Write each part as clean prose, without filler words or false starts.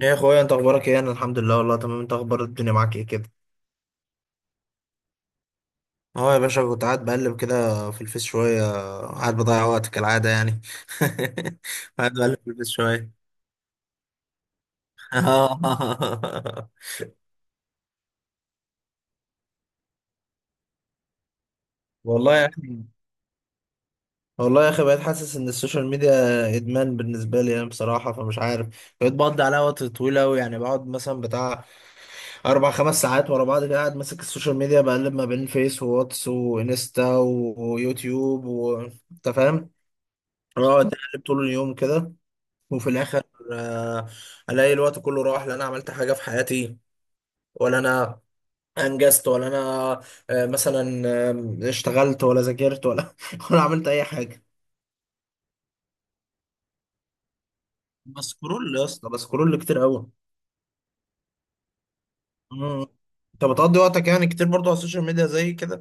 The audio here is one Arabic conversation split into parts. يا اخويا، انت اخبارك ايه؟ انا الحمد لله والله تمام. انت اخبار الدنيا معاك ايه كده؟ اه، يا باشا، كنت قاعد بقلب كده في الفيس شويه. قاعد بضيع وقت كالعاده يعني. قاعد بقلب في الفيس شويه. والله يا اخي. والله يا اخي، بقيت حاسس ان السوشيال ميديا ادمان بالنسبه لي. انا بصراحه فمش عارف. بقيت بقضي عليها وقت طويل قوي، يعني بقعد مثلا بتاع 4-5 ساعات ورا بعض كده، قاعد ماسك السوشيال ميديا، بقلب ما بين فيس وواتس وانستا ويوتيوب و انت فاهم؟ اه، اتقلب طول اليوم كده. وفي الاخر، آه الاقي الوقت كله راح. لا انا عملت حاجه في حياتي، ولا انا انجزت، ولا انا آه مثلا آه اشتغلت، ولا ذاكرت، ولا ولا عملت اي حاجه. بسكرول يا اسطى، بسكرول كتير قوي. مم. انت بتقضي وقتك يعني كتير برضو على السوشيال ميديا زي كده؟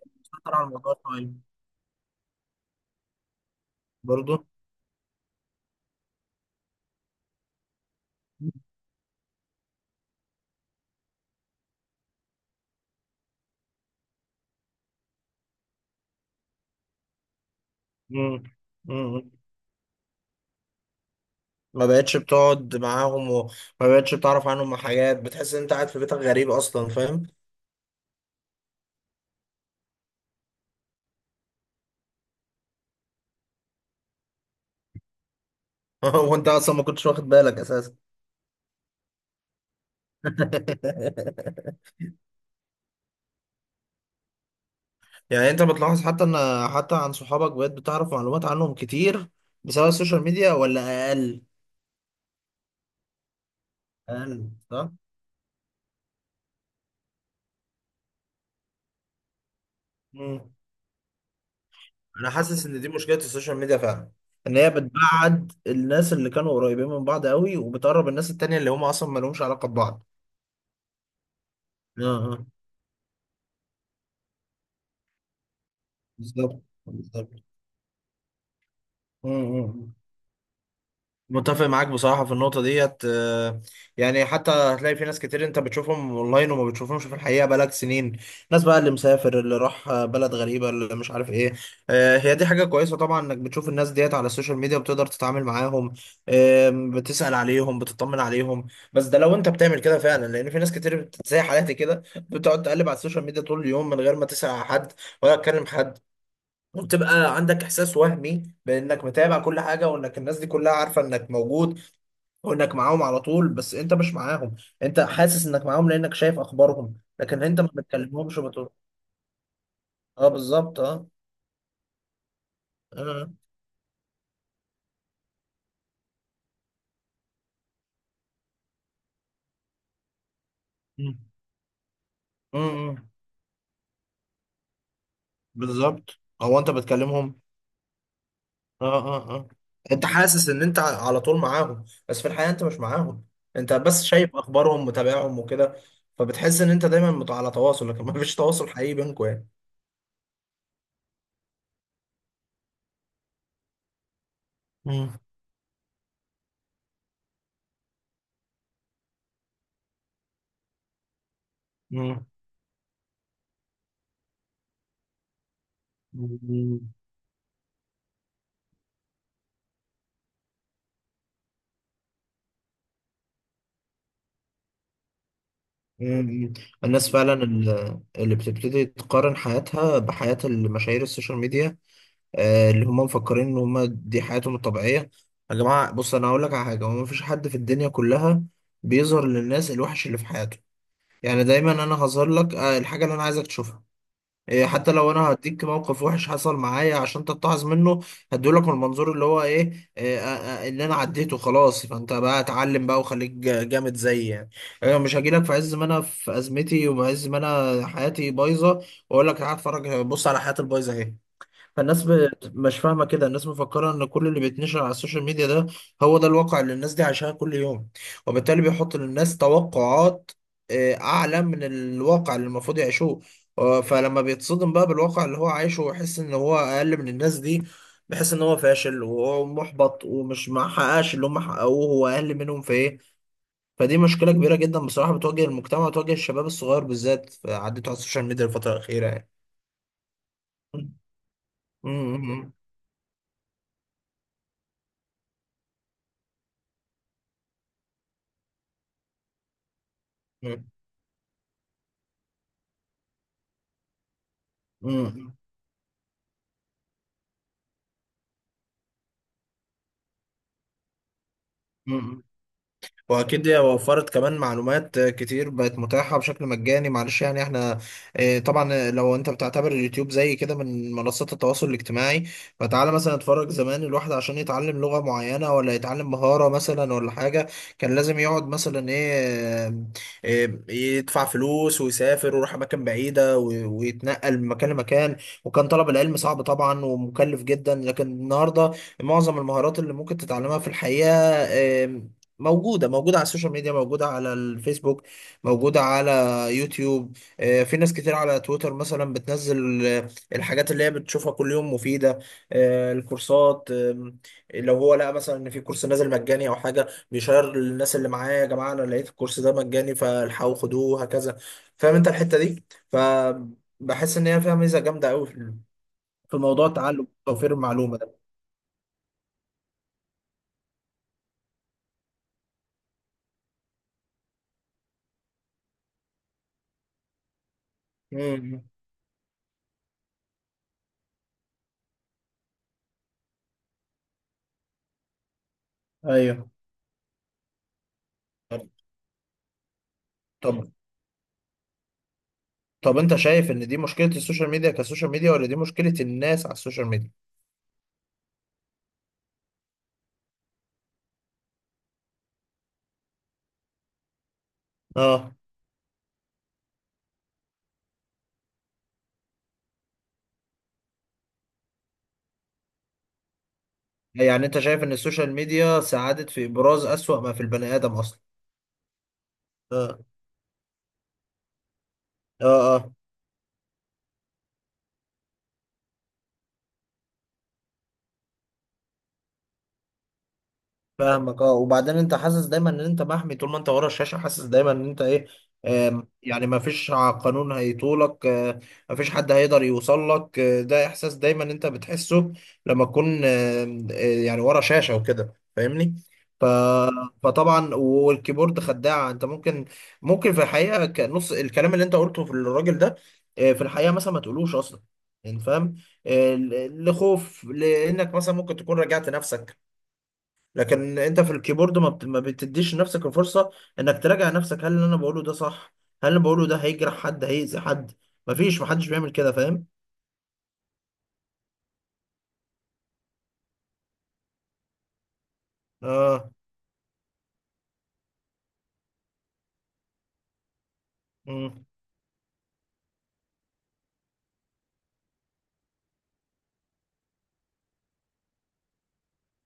بتسيطر على الموضوع شويه؟ برضو. مم. مم. ما بقتش بتقعد معاهم، وما بقتش بتعرف عنهم حاجات، بتحس ان انت قاعد في بيتك غريب اصلا، فاهم؟ هو انت اصلا ما كنتش واخد بالك اساسا؟ يعني انت بتلاحظ حتى عن صحابك بقيت بتعرف معلومات عنهم كتير بسبب السوشيال ميديا، ولا اقل؟ اقل، صح. مم. انا حاسس ان دي مشكلة السوشيال ميديا فعلا، ان هي بتبعد الناس اللي كانوا قريبين من بعض قوي، وبتقرب الناس التانية اللي هم اصلا ما لهمش علاقة ببعض. اه، اه، بالظبط، بالظبط. مم، مم. متفق معاك بصراحة في النقطة ديت. يعني حتى هتلاقي في ناس كتير انت بتشوفهم اونلاين، وما بتشوفهمش في الحقيقة بقالك سنين. ناس بقى اللي مسافر اللي راح بلد غريبة، اللي مش عارف ايه. هي دي حاجة كويسة طبعا، انك بتشوف الناس ديت على السوشيال ميديا، بتقدر تتعامل معاهم. بتسأل عليهم، بتطمن عليهم. بس ده لو انت بتعمل كده فعلا، لان في ناس كتير زي حالاتي كده، بتقعد تقلب على السوشيال ميديا طول اليوم، من غير ما تسأل على حد، ولا تكلم حد. وبتبقى عندك احساس وهمي بانك متابع كل حاجه، وانك الناس دي كلها عارفه انك موجود، وانك معاهم على طول، بس انت مش معاهم. انت حاسس انك معاهم لانك شايف اخبارهم، لكن انت ما بتكلمهمش، وبتقول. اه، بالظبط، اه، اه. مم. مم. بالظبط، هو انت بتكلمهم. اه، اه، اه. انت حاسس ان انت على طول معاهم، بس في الحقيقة انت مش معاهم. انت بس شايف اخبارهم، متابعهم وكده. فبتحس ان انت دايما على تواصل، لكن ما فيش تواصل حقيقي بينكم يعني. مم. مم. مم. الناس فعلا اللي بتبتدي تقارن حياتها بحياة المشاهير السوشيال ميديا، اللي هم مفكرين ان هم دي حياتهم الطبيعية. يا جماعة، بص انا هقول لك على حاجة، هو مفيش حد في الدنيا كلها بيظهر للناس الوحش اللي في حياته. يعني دايما انا هظهر لك الحاجة اللي انا عايزك تشوفها. حتى لو انا هديك موقف وحش حصل معايا عشان تتعظ منه، هديهولك من المنظور اللي هو ايه, إيه آه، آه، اللي انا عديته خلاص. فانت بقى اتعلم بقى وخليك جامد زيي يعني. انا مش هجيلك في عز ما انا في ازمتي، وعز ما انا حياتي بايظه، واقول لك تعالى اتفرج، بص على حياتي البايظه اهي. فالناس مش فاهمة كده، الناس مفكرة ان كل اللي بيتنشر على السوشيال ميديا ده، هو ده الواقع اللي الناس دي عايشاه كل يوم. وبالتالي بيحط للناس توقعات اعلى من الواقع اللي المفروض يعيشوه. فلما بيتصدم بقى بالواقع اللي هو عايشه ويحس ان هو اقل من الناس دي، بيحس ان هو فاشل، وهو محبط، ومش محققش اللي هم حققوه، هو اقل منهم في ايه. فدي مشكلة كبيرة جدا بصراحة، بتواجه المجتمع وتواجه الشباب الصغير بالذات، عدته على السوشيال ميديا الفترة الأخيرة يعني. م- م- م- م- م- مم. واكيد هي وفرت كمان معلومات كتير بقت متاحه بشكل مجاني، معلش يعني احنا، طبعا لو انت بتعتبر اليوتيوب زي كده من منصات التواصل الاجتماعي، فتعالى مثلا اتفرج زمان، الواحد عشان يتعلم لغه معينه ولا يتعلم مهاره مثلا ولا حاجه، كان لازم يقعد مثلا ايه آه، آه، يدفع فلوس، ويسافر، ويروح اماكن بعيده، ويتنقل من مكان لمكان. وكان طلب العلم صعب طبعا ومكلف جدا، لكن النهارده معظم المهارات اللي ممكن تتعلمها في الحقيقه، موجودة على السوشيال ميديا، موجودة على الفيسبوك، موجودة على يوتيوب. في ناس كتير على تويتر مثلا بتنزل، الحاجات اللي هي بتشوفها كل يوم مفيدة. الكورسات. لو هو لقى مثلا ان في كورس نازل مجاني او حاجة، بيشير للناس اللي معاه: يا جماعة، انا لقيت الكورس ده مجاني، فالحقوا خدوه، وهكذا. فاهم انت الحتة دي؟ فبحس ان هي فيها ميزة جامدة قوي في موضوع التعلم وتوفير المعلومة ده. مم. ايوه. طب، طب انت شايف ان دي مشكلة السوشيال ميديا كسوشيال ميديا، ولا دي مشكلة الناس على السوشيال ميديا؟ اه. يعني انت شايف ان السوشيال ميديا ساعدت في ابراز اسوأ ما في البني ادم اصلا؟ اه، اه، اه، فاهمك. اه، وبعدين انت حاسس دايما ان انت محمي طول ما انت ورا الشاشة، حاسس دايما ان انت ايه؟ يعني ما فيش قانون هيطولك، ما فيش حد هيقدر يوصل لك، ده احساس دايما انت بتحسه لما تكون آم، آه، يعني ورا شاشة وكده. فاهمني؟ ف فطبعا، والكيبورد خداعة، انت ممكن في الحقيقة نص الكلام اللي انت قلته في الراجل ده، في الحقيقة مثلا ما تقولوش اصلا، يعني فاهم؟ لخوف، لانك مثلا ممكن تكون راجعت نفسك، لكن انت في الكيبورد ما بتديش لنفسك الفرصة انك تراجع نفسك، هل اللي انا بقوله ده صح؟ هل اللي بقوله ده هيجرح حد، هيأذي حد؟ مفيش محدش بيعمل كده، فاهم؟ اه. مم.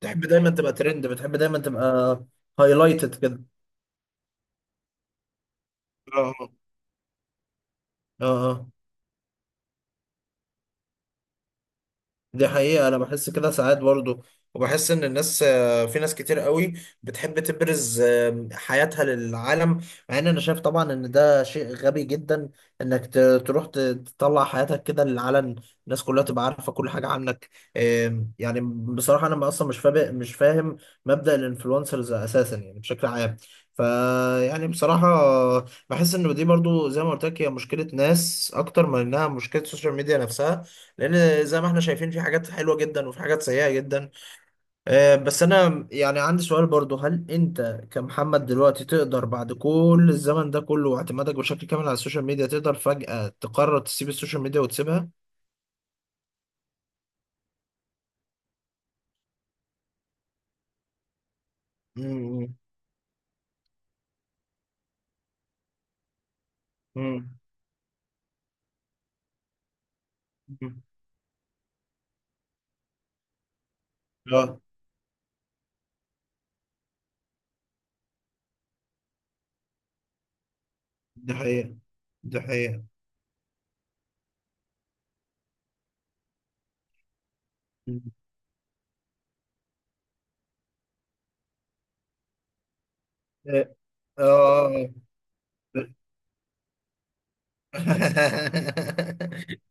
تحب دايما تبقى ترند، بتحب دايما تبقى هايلايتد كده. اه، اه، اه، دي حقيقة، أنا بحس كده ساعات برضو. وبحس إن الناس في ناس كتير قوي بتحب تبرز حياتها للعالم، مع إن أنا شايف طبعا إن ده شيء غبي جدا، إنك تروح تطلع حياتك كده للعلن، الناس كلها تبقى عارفة كل حاجة عنك. يعني بصراحة أنا أصلا مش فاهم، مش فاهم مبدأ الإنفلونسرز أساسا، يعني بشكل عام. فيعني بصراحة، بحس إن دي برضو زي ما قلت لك، هي مشكلة ناس أكتر من إنها مشكلة السوشيال ميديا نفسها، لان زي ما احنا شايفين في حاجات حلوه جدا وفي حاجات سيئه جدا. بس انا يعني عندي سؤال برضو: هل انت كمحمد دلوقتي تقدر، بعد كل الزمن ده كله واعتمادك بشكل كامل على السوشيال ميديا، تقدر فجأة تقرر تسيب السوشيال ميديا وتسيبها؟ امم امم اه، دي حقيقة، دي حقيقة. مم. اه، آه.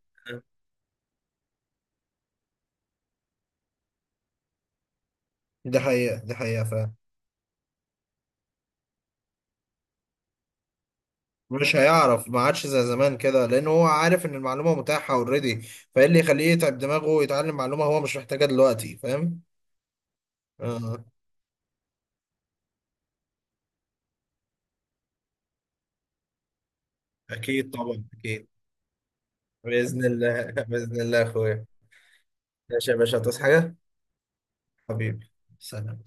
دي حقيقة، دي حقيقة فعلا. مش هيعرف، ما عادش زي زمان كده، لان هو عارف ان المعلومه متاحه اوريدي. فايه اللي يخليه يتعب دماغه ويتعلم معلومه هو مش محتاجها دلوقتي، فاهم؟ اه، اكيد طبعا اكيد. باذن الله، باذن الله يا اخويا. ماشي يا باشا، تصحى حاجه؟ حبيبي. سلام.